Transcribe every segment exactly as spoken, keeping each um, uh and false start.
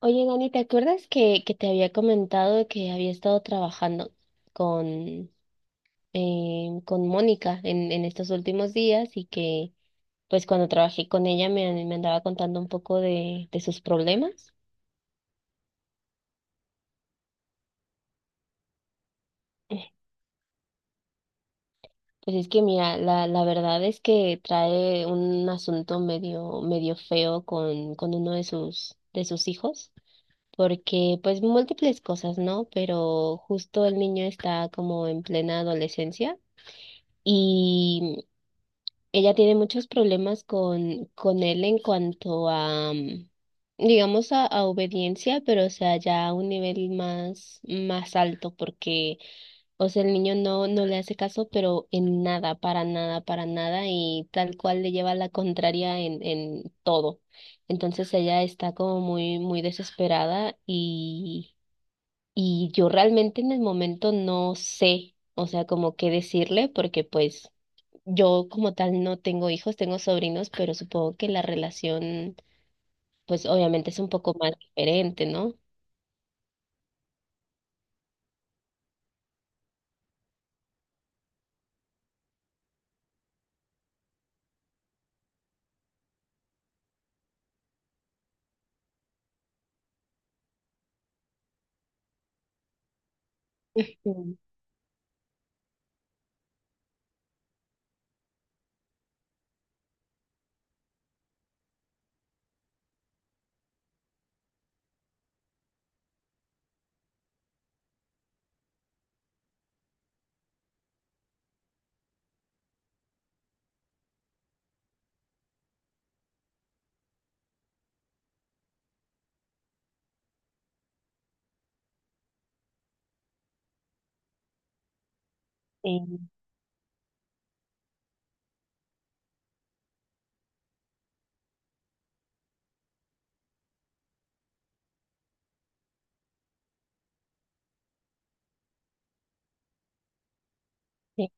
Oye, Dani, ¿te acuerdas que, que te había comentado que había estado trabajando con, eh, con Mónica en, en estos últimos días y que pues cuando trabajé con ella me, me andaba contando un poco de, de sus problemas? Pues es que mira, la, la verdad es que trae un asunto medio, medio feo con, con uno de sus, de sus hijos, porque pues múltiples cosas, ¿no? Pero justo el niño está como en plena adolescencia. Y Ella tiene muchos problemas con, con él en cuanto a, mm, digamos, a, a obediencia, pero o sea, ya a un nivel más, más alto, porque, o sea, el niño no, no le hace caso, pero en nada, para nada, para nada, y tal cual le lleva la contraria en, en todo. Entonces ella está como muy, muy desesperada y, y yo realmente en el momento no sé, o sea, como qué decirle, porque pues... Yo como tal no tengo hijos, tengo sobrinos, pero supongo que la relación, pues obviamente es un poco más diferente, ¿no? Mm. Sí, sí.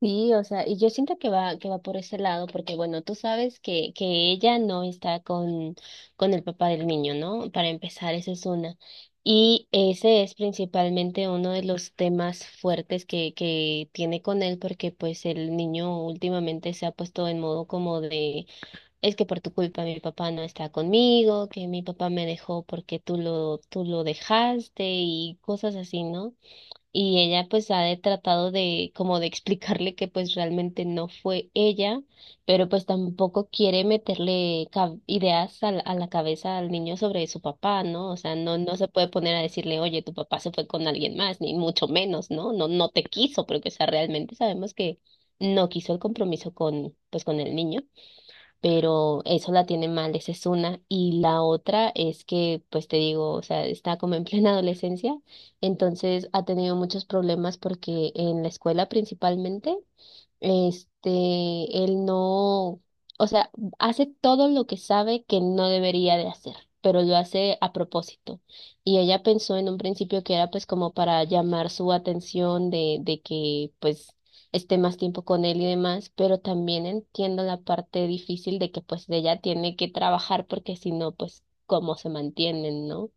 Sí, o sea, y yo siento que va, que va por ese lado, porque bueno, tú sabes que, que ella no está con, con el papá del niño, ¿no? Para empezar, esa es una. Y ese es principalmente uno de los temas fuertes que, que tiene con él, porque pues el niño últimamente se ha puesto en modo como de es que por tu culpa mi papá no está conmigo, que mi papá me dejó porque tú lo, tú lo dejaste y cosas así, ¿no? Y ella pues ha de- tratado de como de explicarle que pues realmente no fue ella, pero pues tampoco quiere meterle ca- ideas a, la a la cabeza al niño sobre su papá, ¿no? O sea, no, no se puede poner a decirle, oye, tu papá se fue con alguien más, ni mucho menos, ¿no? No, no te quiso, porque o sea, realmente sabemos que no quiso el compromiso con, pues con el niño, pero eso la tiene mal, esa es una. Y la otra es que, pues te digo, o sea, está como en plena adolescencia, entonces ha tenido muchos problemas porque en la escuela principalmente este, él no, o sea, hace todo lo que sabe que no debería de hacer, pero lo hace a propósito. Y ella pensó en un principio que era pues como para llamar su atención de, de que pues esté más tiempo con él y demás, pero también entiendo la parte difícil de que pues ella tiene que trabajar porque si no, pues cómo se mantienen, ¿no?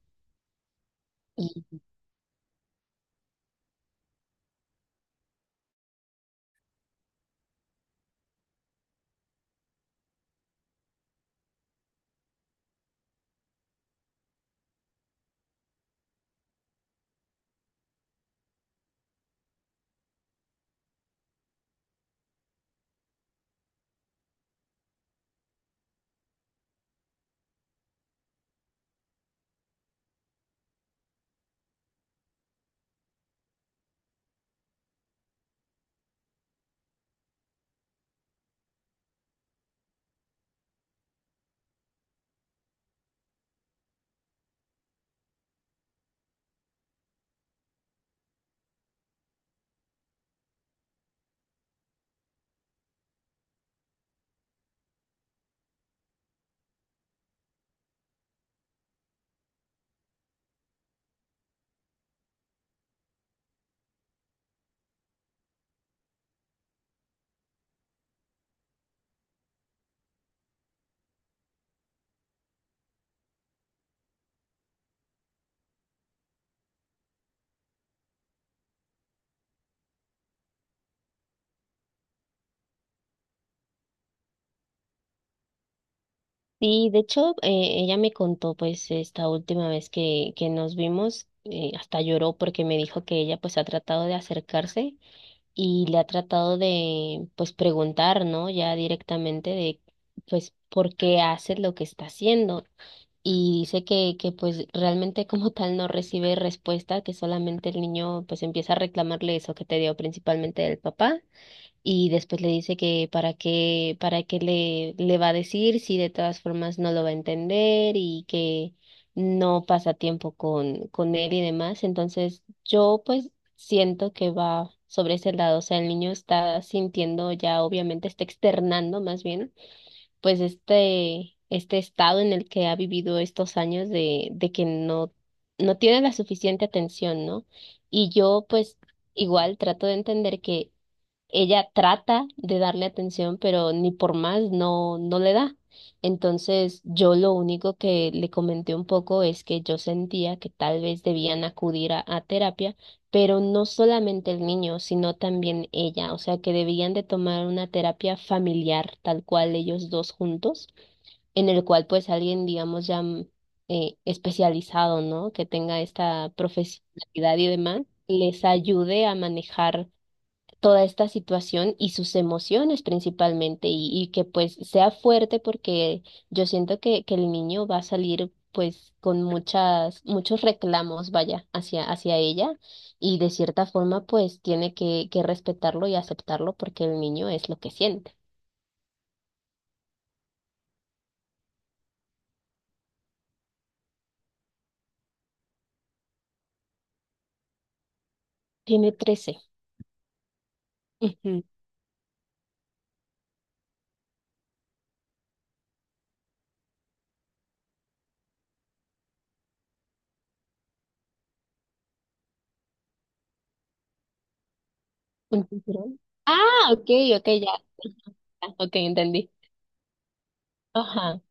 Sí, de hecho, eh, ella me contó pues esta última vez que, que nos vimos, eh, hasta lloró porque me dijo que ella pues ha tratado de acercarse y le ha tratado de pues preguntar, ¿no? Ya directamente de pues por qué hace lo que está haciendo y dice que, que pues realmente como tal no recibe respuesta, que solamente el niño pues empieza a reclamarle eso que te dio principalmente del papá y después le dice que para qué, para qué le, le va a decir si de todas formas no lo va a entender y que no pasa tiempo con, con él y demás. Entonces yo pues siento que va sobre ese lado, o sea, el niño está sintiendo ya, obviamente está externando más bien, pues este, este estado en el que ha vivido estos años de, de que no, no tiene la suficiente atención, ¿no? Y yo pues igual trato de entender que ella trata de darle atención, pero ni por más no, no le da. Entonces, yo lo único que le comenté un poco es que yo sentía que tal vez debían acudir a, a terapia, pero no solamente el niño, sino también ella, o sea, que debían de tomar una terapia familiar, tal cual ellos dos juntos, en el cual pues alguien, digamos, ya mm, eh, especializado, ¿no? Que tenga esta profesionalidad y demás, les ayude a manejar toda esta situación y sus emociones principalmente y, y que pues sea fuerte porque yo siento que, que el niño va a salir pues con muchas, muchos reclamos, vaya, hacia, hacia ella y de cierta forma pues tiene que, que respetarlo y aceptarlo porque el niño es lo que siente. Tiene trece. Ujú. Un cinturón. Ah, ok, ok, ya. Ah, ok, entendí. Ajá.